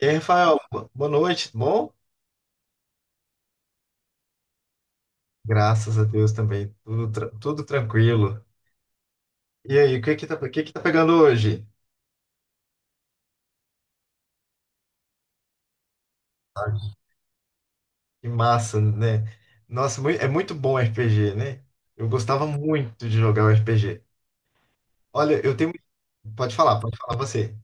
E aí, Rafael, boa noite, tudo bom? Graças a Deus também, tudo, tudo tranquilo. E aí, o que que tá pegando hoje? Ah. Que massa, né? Nossa, é muito bom RPG, né? Eu gostava muito de jogar o RPG. Olha, eu tenho. Pode falar você.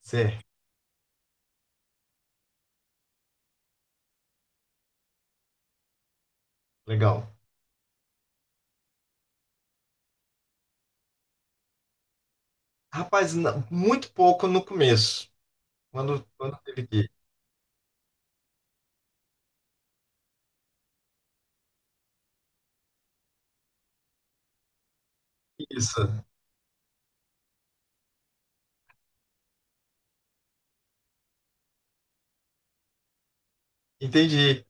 Certo, legal. Rapaz, muito pouco no começo, quando teve que. Isso, entendi.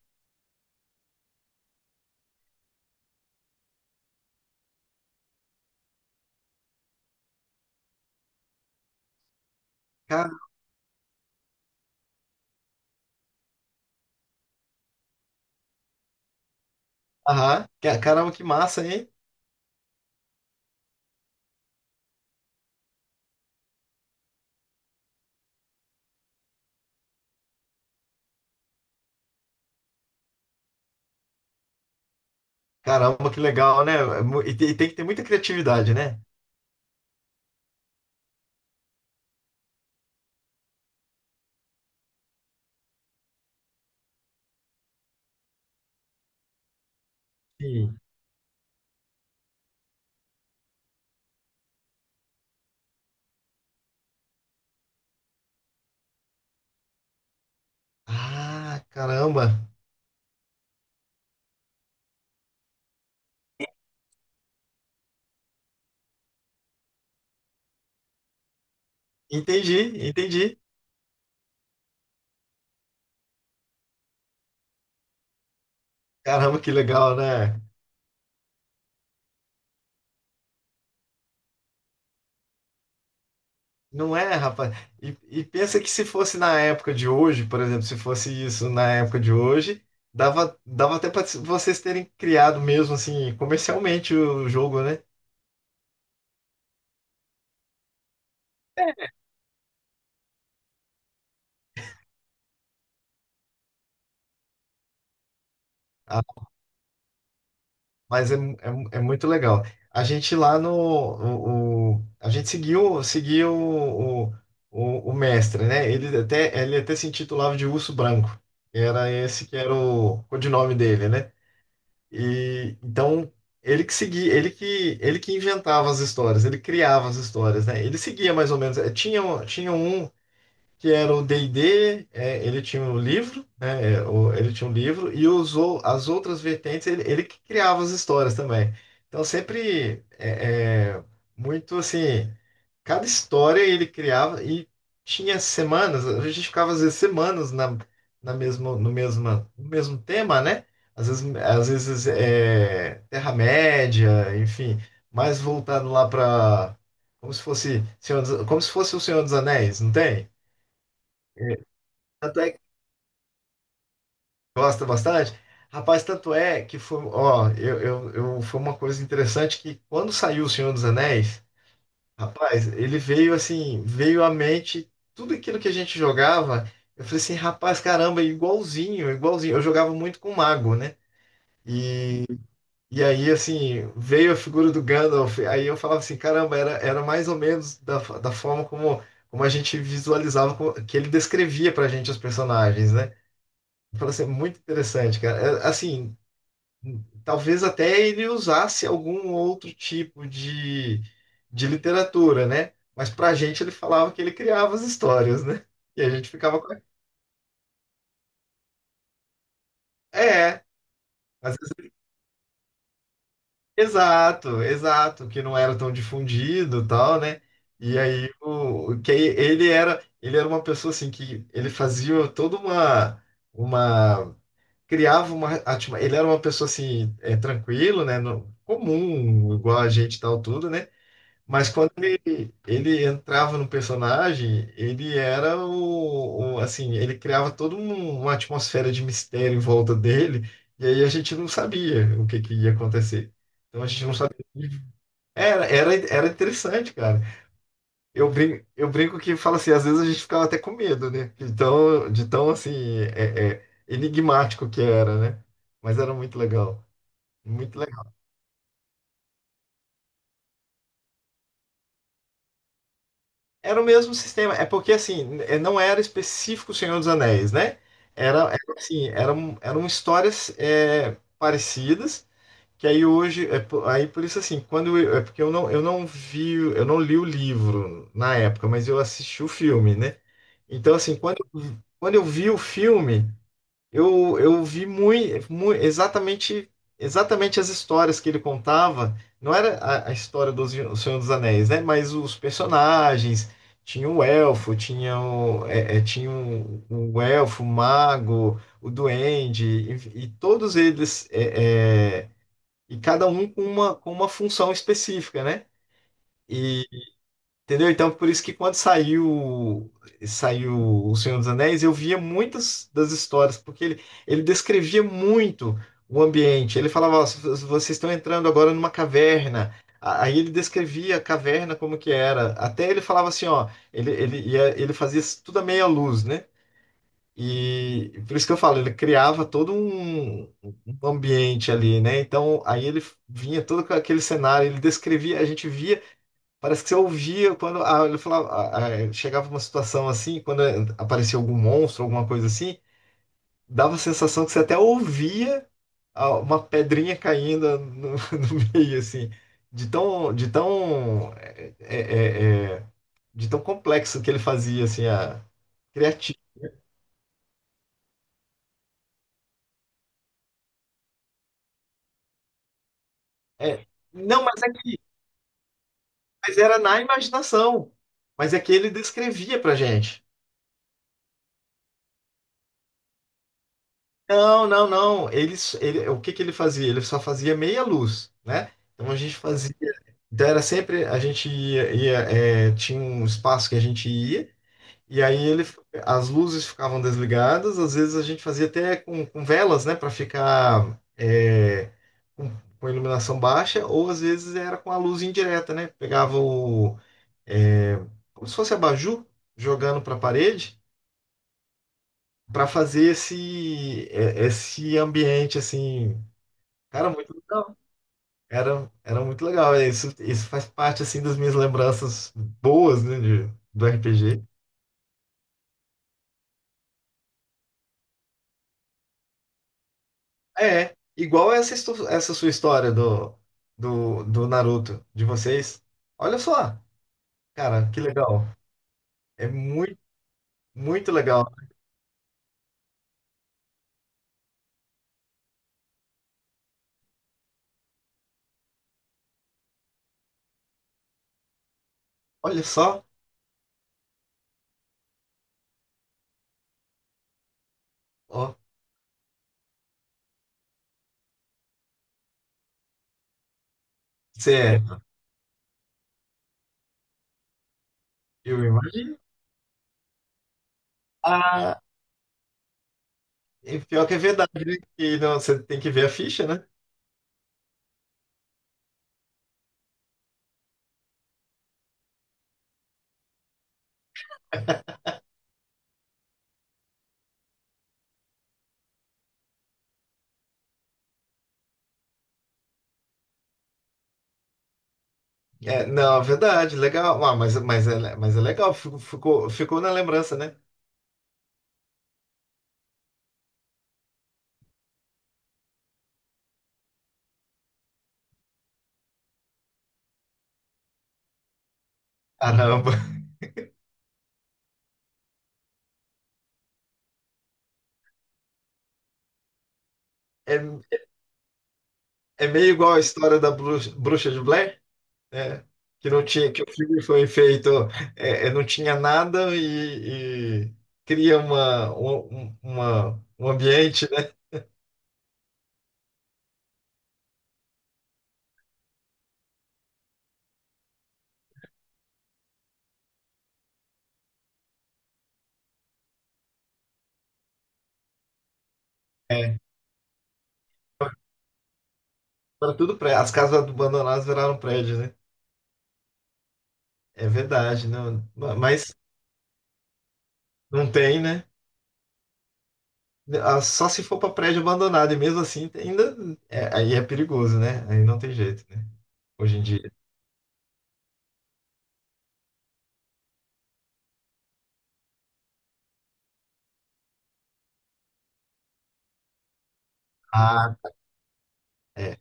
Cara, aham. Caramba, que massa, hein? Caramba, que legal, né? E tem tem que ter muita criatividade, né? Sim. Ah, caramba. Entendi, entendi. Caramba, que legal, né? Não é, rapaz. E pensa que se fosse na época de hoje, por exemplo, se fosse isso na época de hoje, dava até para vocês terem criado mesmo assim comercialmente o jogo, né? Mas é, é muito legal. A gente lá no. A gente seguiu, seguiu o mestre, né? Ele até se intitulava de Urso Branco. Era esse que era o codinome dele, né? E então ele que seguia, ele que inventava as histórias, ele criava as histórias, né? Ele seguia mais ou menos. Tinha, tinha um que era o D&D. É, ele tinha um livro, né, é, ele tinha um livro e usou as outras vertentes, ele que criava as histórias também. Então sempre muito assim, cada história ele criava e tinha semanas, a gente ficava às vezes semanas na, no mesmo tema, né? Às vezes é, Terra-média, enfim, mais voltado lá para como se fosse o Senhor dos Anéis, não tem? Tanto é. Gosta bastante? Rapaz, tanto é que foi, ó, foi uma coisa interessante que quando saiu O Senhor dos Anéis, rapaz, ele veio assim, veio à mente tudo aquilo que a gente jogava. Eu falei assim, rapaz, caramba, é igualzinho, igualzinho. Eu jogava muito com mago, né? E, e aí, assim, veio a figura do Gandalf. Aí eu falava assim, caramba, era mais ou menos da, da forma como, como a gente visualizava, que ele descrevia pra gente os personagens, né? Eu falei assim, muito interessante, cara. É, assim, talvez até ele usasse algum outro tipo de literatura, né? Mas pra gente ele falava que ele criava as histórias, né? E a gente ficava com. É, às vezes- exato, exato, que não era tão difundido e tal, né? E aí o que ele era uma pessoa assim que ele fazia toda uma criava uma ele era uma pessoa assim é, tranquilo, né? Comum, igual a gente e tal tudo, né? Mas quando ele entrava no personagem, ele era assim, ele criava toda uma atmosfera de mistério em volta dele, e aí a gente não sabia o que que ia acontecer. Então a gente não sabia. Era interessante, cara. Eu brinco que fala assim, às vezes a gente ficava até com medo, né? Então tão, de tão assim, enigmático que era, né? Mas era muito legal. Muito. Era o mesmo sistema. É porque, assim, não era específico o Senhor dos Anéis, né? Era assim, eram histórias parecidas, que aí hoje, é, aí por isso, assim, quando eu, é porque eu não vi, eu não li o livro na época, mas eu assisti o filme, né? Então, assim, quando, quando eu vi o filme, eu vi muito, exatamente, exatamente as histórias que ele contava. Não era a história do O Senhor dos Anéis, né? Mas os personagens. Tinha o elfo, tinha o, tinha o elfo, o mago, o duende, e todos eles, e cada um com uma função específica, né? Entendeu? Então, por isso que quando saiu O Senhor dos Anéis, eu via muitas das histórias, porque ele descrevia muito o ambiente. Ele falava, ó, vocês estão entrando agora numa caverna. Aí ele descrevia a caverna como que era. Até ele falava assim, ó, ia, ele fazia isso tudo à meia luz, né? E por isso que eu falo, ele criava todo um ambiente ali, né? Então, aí ele vinha todo com aquele cenário, ele descrevia, a gente via. Parece que você ouvia quando a, ele falava, chegava uma situação assim, quando aparecia algum monstro, alguma coisa assim, dava a sensação que você até ouvia uma pedrinha caindo no, no meio, assim, de tão, de tão complexo que ele fazia, assim, a criativo. É, não, mas é que, mas era na imaginação, mas é que ele descrevia pra gente. Não, não, não. Ele, ele, o que que ele fazia? Ele só fazia meia luz, né? Então a gente fazia. Então era sempre. A gente ia. É, tinha um espaço que a gente ia, e aí ele, as luzes ficavam desligadas. Às vezes a gente fazia até com velas, né? Para ficar é, com, com iluminação baixa, ou às vezes era com a luz indireta, né? Pegava o. É, como se fosse abajur, jogando para a parede, para fazer esse, é, esse ambiente assim. Cara, muito legal. Era muito legal. É, isso faz parte, assim, das minhas lembranças boas, né, do RPG. É, igual essa, essa sua história do Naruto, de vocês. Olha só, cara, que legal. É muito, muito legal. Olha só, ó, você é... eu imagino. Ah, e pior que é verdade, né? E não, você tem que ver a ficha, né? É, não, é verdade, legal. Ah, mas é legal, ficou na lembrança, né? Caramba. É. É meio igual a história da Bruxa de Blair, né? Que não tinha, que o filme foi feito, não tinha nada e, e cria uma, um ambiente, né? Para tudo prédio. As casas abandonadas viraram prédio, né? É verdade, não, mas não tem, né? Ah, só se for para prédio abandonado, e mesmo assim ainda é, aí é perigoso, né? Aí não tem jeito, né? Hoje em dia. Ah, é,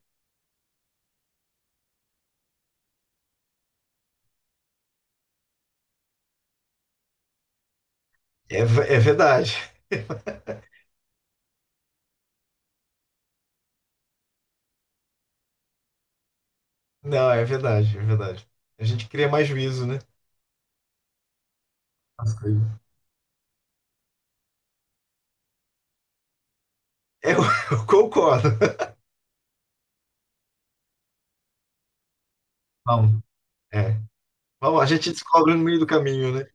é verdade. Não, é verdade, é verdade. A gente cria mais juízo, né? As coisas. Eu eu concordo. Bom. É. Bom, a gente descobre no meio do caminho, né?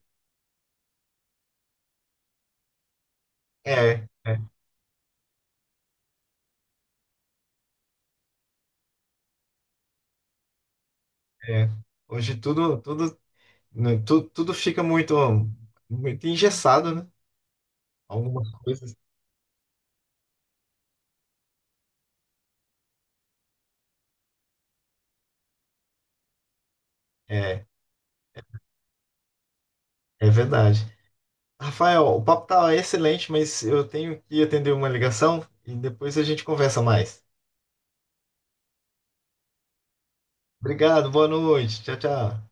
É, é, é. Hoje tudo, tudo, né, tudo fica muito, muito engessado, né? Algumas coisas. É, é verdade. Rafael, o papo tá excelente, mas eu tenho que atender uma ligação e depois a gente conversa mais. Obrigado, boa noite. Tchau, tchau.